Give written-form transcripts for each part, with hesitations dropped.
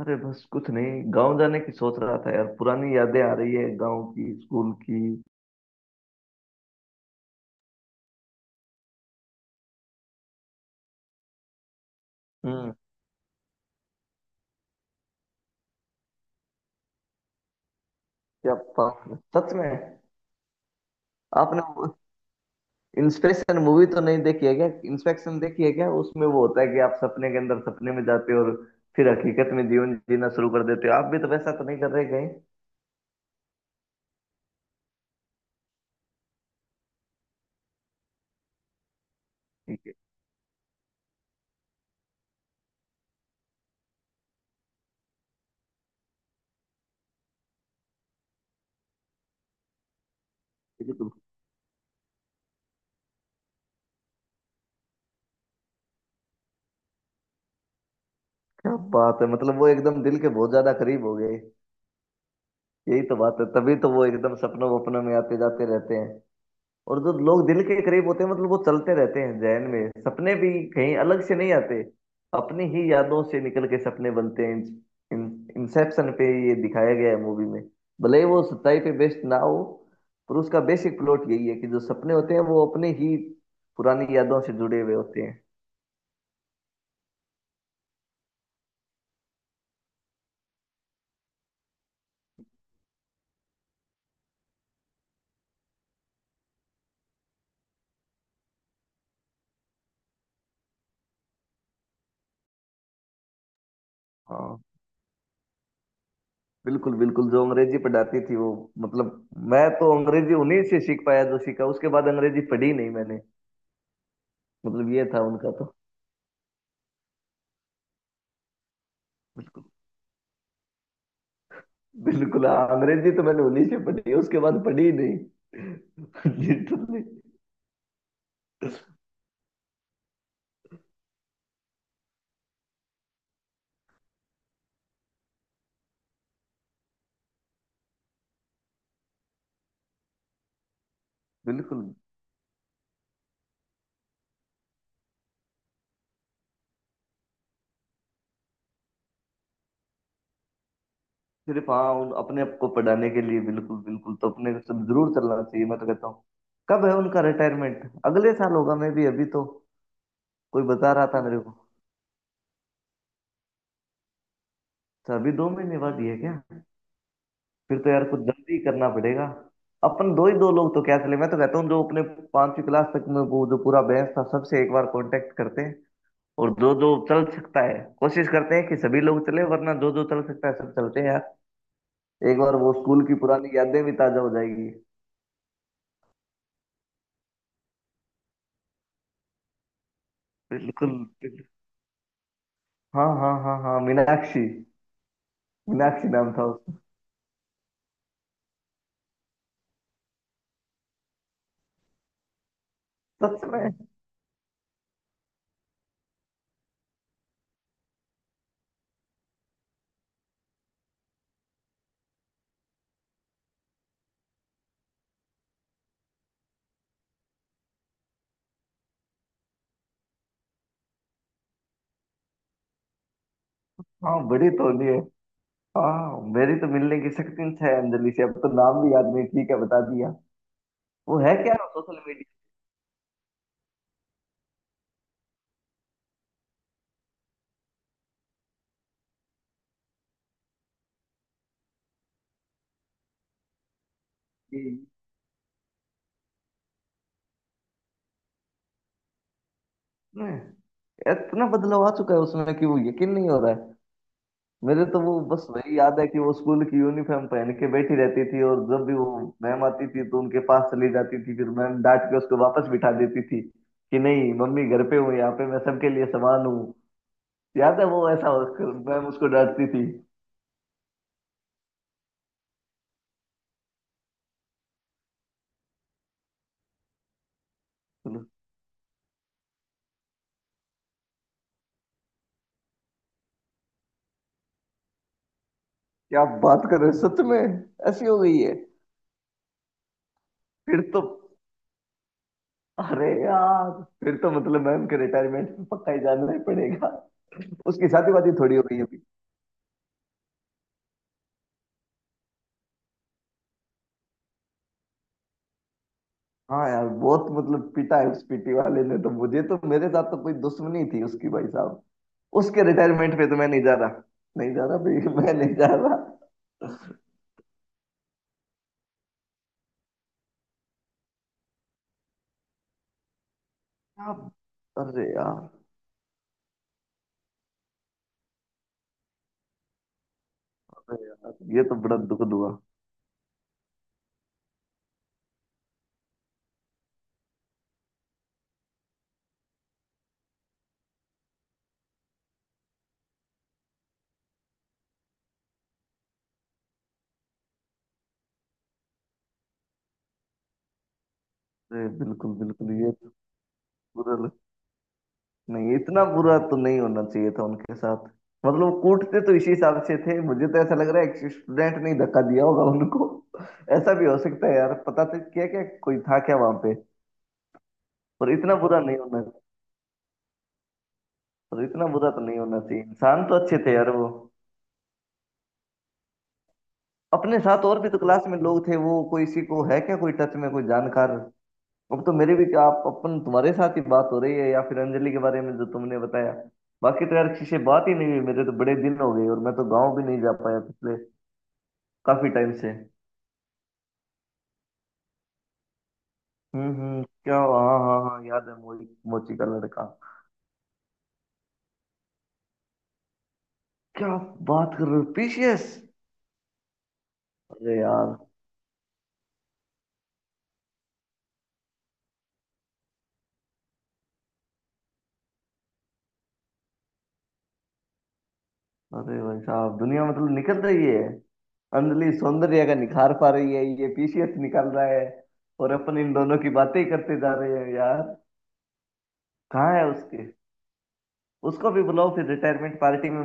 अरे बस कुछ नहीं, गांव जाने की सोच रहा था यार। पुरानी यादें आ रही है गांव की, स्कूल की। हम्म। क्या बात है। सच में। आपने वो इंस्पेक्शन मूवी तो नहीं देखी है क्या? इंस्पेक्शन देखी है क्या? उसमें वो होता है कि आप सपने के अंदर सपने में जाते हो और फिर हकीकत में जीवन जीना शुरू कर देते हो। आप भी तो वैसा तो नहीं कर रहे कहीं? ठीक है। बिल्कुल। क्या बात है, मतलब वो एकदम दिल के बहुत ज्यादा करीब हो गए। यही तो बात है, तभी तो वो एकदम सपनों वपनों में आते जाते रहते हैं। और जो लोग दिल के करीब होते हैं मतलब वो चलते रहते हैं जहन में, सपने भी कहीं अलग से नहीं आते। अपनी ही यादों से निकल के सपने बनते हैं। इंसेप्शन पे ये दिखाया गया है मूवी में। भले ही वो सच्चाई पे बेस्ड ना हो, पर उसका बेसिक प्लॉट यही है कि जो सपने होते हैं वो अपने ही पुरानी यादों से जुड़े हुए होते हैं। हाँ। बिल्कुल बिल्कुल, जो अंग्रेजी पढ़ाती थी वो, मतलब मैं तो अंग्रेजी उन्हीं से सीख पाया। जो सीखा उसके बाद अंग्रेजी पढ़ी नहीं मैंने। मतलब ये था उनका तो। बिल्कुल। बिल्कुल हाँ, अंग्रेजी तो मैंने उन्हीं से पढ़ी है, उसके बाद पढ़ी ही नहीं। लिटरली। बिल्कुल। सिर्फ हाँ, उन अपने आप को पढ़ाने के लिए। बिल्कुल बिल्कुल, तो अपने को सब जरूर चलना चाहिए मैं तो कहता हूँ। कब है उनका रिटायरमेंट? अगले साल होगा मैं भी अभी तो, कोई बता रहा था मेरे को। तो अभी 2 महीने बाद ही है क्या? फिर तो यार कुछ जल्दी करना पड़ेगा। अपन दो ही दो लोग तो क्या चले, मैं तो कहता हूँ जो अपने पांचवी क्लास तक में वो जो पूरा बैच था, सबसे एक बार कांटेक्ट करते, और दो दो चल सकता है, कोशिश करते हैं कि सभी लोग चले। वरना दो दो चल सकता है, सब चलते हैं यार। एक बार वो स्कूल की पुरानी यादें भी ताजा हो जाएगी। बिल्कुल बिल्कुल। हाँ हाँ हाँ हाँ, मीनाक्षी। मीनाक्षी नाम था उसका। सच में? हाँ, बड़ी तौलिए है। हाँ, मेरी तो मिलने की शक्ति है अंजलि से, अब तो नाम भी याद नहीं, ठीक है बता दिया। वो है क्या सोशल मीडिया? की, इतना बदलाव आ चुका है उसमें कि वो यकीन नहीं हो रहा है। मेरे तो वो बस वही याद है कि वो स्कूल की यूनिफॉर्म पहन के बैठी रहती थी, और जब भी वो मैम आती थी तो उनके पास चली जाती थी, फिर मैम डांट के उसको वापस बिठा देती थी कि नहीं, मम्मी घर पे हूँ, यहाँ पे मैं सबके लिए समान हूँ। याद है वो ऐसा मैम उसको डांटती थी। क्या बात कर रहे हो? सच में? ऐसी हो गई है? फिर तो, अरे यार, फिर तो मतलब मैम के रिटायरमेंट पे पक्का ही जाना ही पड़ेगा। उसकी शादी वादी थोड़ी हो गई है? हाँ यार, बहुत मतलब पिटा है उस पीटी वाले ने तो मुझे, तो मेरे साथ तो कोई दुश्मनी थी उसकी, भाई साहब। उसके रिटायरमेंट पे तो मैं नहीं जा रहा, नहीं जा रहा भाई, मैं नहीं जा रहा। अब- अरे यार, अरे यार ये तो बड़ा दुखद हुआ। अरे बिल्कुल बिल्कुल, ये तो बुरा लग। नहीं, इतना बुरा तो नहीं होना चाहिए था उनके साथ। मतलब वो कूटते तो इसी हिसाब से थे, मुझे तो ऐसा लग रहा है एक स्टूडेंट ने ही धक्का दिया होगा उनको। ऐसा भी हो सकता है यार, पता तो क्या क्या, कोई था क्या वहां पे? पर इतना बुरा नहीं होना, तो इतना बुरा तो नहीं होना चाहिए, इंसान तो अच्छे थे यार वो। अपने साथ और भी तो क्लास में लोग थे, वो कोई इसी को है क्या, कोई टच में, कोई जानकार? अब तो मेरे भी क्या, आप अपन, तुम्हारे साथ ही बात हो रही है, या फिर अंजलि के बारे में जो तुमने बताया। बाकी तो यार किसी से बात ही नहीं हुई मेरे, तो बड़े दिन हो गए और मैं तो गाँव भी नहीं जा पाया पिछले काफी टाइम से। हम्म, क्या? हाँ हाँ हाँ, याद है, मोची, मोची का लड़का। क्या बात कर रहे हो? पीसीएस? अरे यार। अरे भाई साहब, दुनिया मतलब निकल रही है। अंजलि सौंदर्य का निखार पा रही है, ये पीसीएस निकाल रहा है, और अपन इन दोनों की बातें ही करते जा रहे हैं यार। कहाँ है उसके, उसको भी बुलाओ फिर रिटायरमेंट पार्टी में।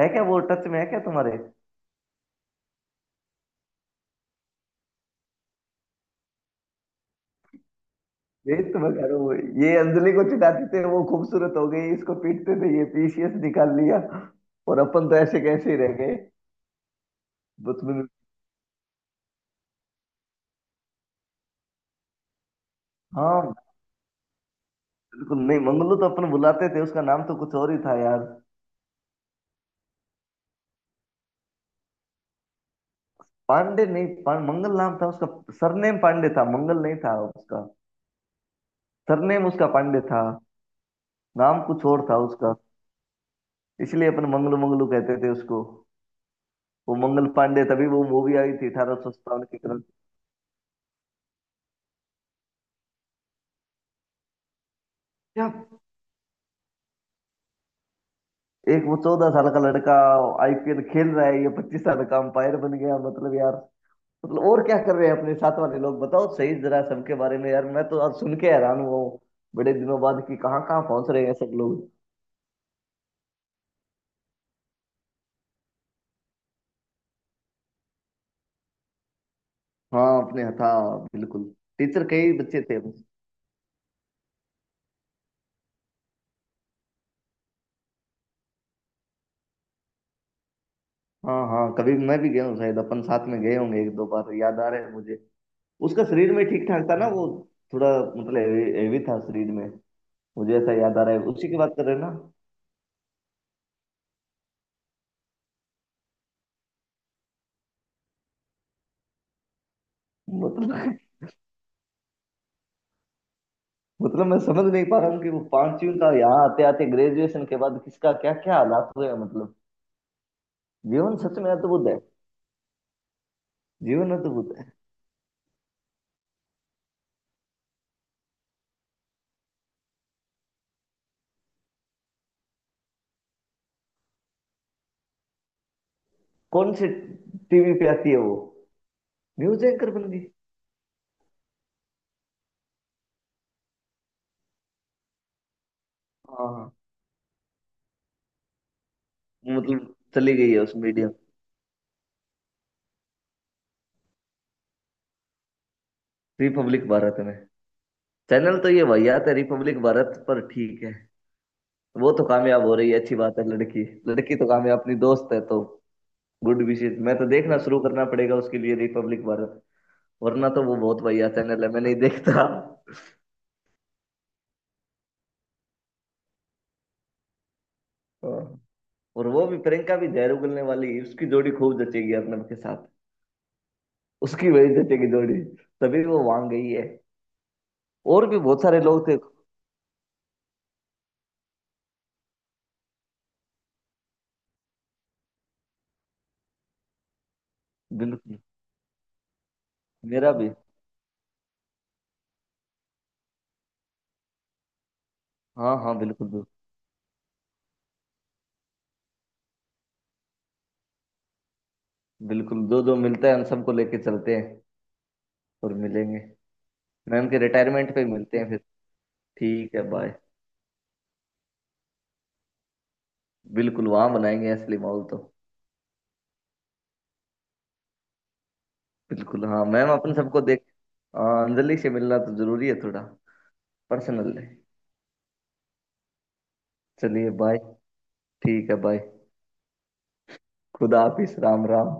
है क्या? वो टच में है क्या तुम्हारे? यही तो मैं कह रहा हूँ, ये अंजलि को चिढ़ाते थे, वो खूबसूरत हो गई, इसको पीटते थे, ये पीसीएस निकाल लिया, और अपन तो ऐसे कैसे ही रह गए। बचपन में- हाँ। बिल्कुल नहीं, मंगलू तो अपन बुलाते थे, उसका नाम तो कुछ और ही था यार। पांडे नहीं, मंगल नाम था उसका, सरनेम पांडे था, मंगल नहीं था उसका, सरनेम उसका पांडे था, नाम कुछ और था उसका। इसलिए अपन मंगलू मंगलू कहते थे उसको। वो मंगल पांडे, तभी वो मूवी आई थी 1857 की तरफ। क्या? एक वो 14 साल का लड़का आईपीएल खेल रहा है, ये 25 साल का अंपायर बन गया, मतलब यार, मतलब और क्या कर रहे हैं अपने साथ वाले लोग? बताओ सही जरा सबके बारे में यार, मैं तो आज सुन के हैरान हुआ हूँ बड़े दिनों बाद, कि कहाँ कहाँ पहुंच रहे हैं सब लोग। हाँ, अपने था। बिल्कुल। टीचर, कई बच्चे थे। हाँ हाँ, कभी मैं भी गया हूँ शायद, अपन साथ में गए होंगे एक दो बार, याद आ रहा है मुझे। उसका शरीर में ठीक ठाक था ना वो? थोड़ा मतलब हेवी हेवी था शरीर में। मुझे ऐसा याद आ रहा है, उसी की बात कर रहे हैं ना? मतलब, मतलब मैं समझ नहीं पा रहा हूँ कि वो पांचवी का यहाँ आते आते, ग्रेजुएशन के बाद किसका क्या क्या हालात हुए हैं, मतलब जीवन सच में अद्भुत है। जीवन अद्भुत है। कौन से? टीवी पे आती है वो? न्यूज एंकर बन गई? हाँ हाँ। मतलब चली गई है उस मीडिया, रिपब्लिक भारत में? चैनल तो ये भैया तो, रिपब्लिक भारत पर, ठीक है। वो तो कामयाब हो रही है, अच्छी बात है लड़की, लड़की तो कामयाब, अपनी दोस्त है तो गुड विशेष। मैं तो देखना शुरू करना पड़ेगा उसके लिए रिपब्लिक भारत, वरना तो वो बहुत भैया चैनल है, मैं नहीं देखता। हाँ। और वो भी, प्रियंका भी जहर उगलने वाली है, उसकी जोड़ी खूब जचेगी अर्नब के साथ, उसकी वही जचेगी जोड़ी, तभी वो वहां गई है। और भी बहुत सारे लोग थे। बिल्कुल। मेरा भी, हाँ हाँ, बिल्कुल बिल्कुल। बिल्कुल, जो जो मिलता है हम सबको लेके चलते हैं, और मिलेंगे। मैम के रिटायरमेंट पे मिलते हैं फिर। ठीक है, बाय। बिल्कुल, वहां बनाएंगे असली माहौल तो। बिल्कुल हाँ, मैम अपन सबको देख, हाँ, अंजलि से मिलना तो जरूरी है थोड़ा, पर्सनल है। चलिए, बाय। ठीक है, बाय। खुदा हाफिज। राम राम।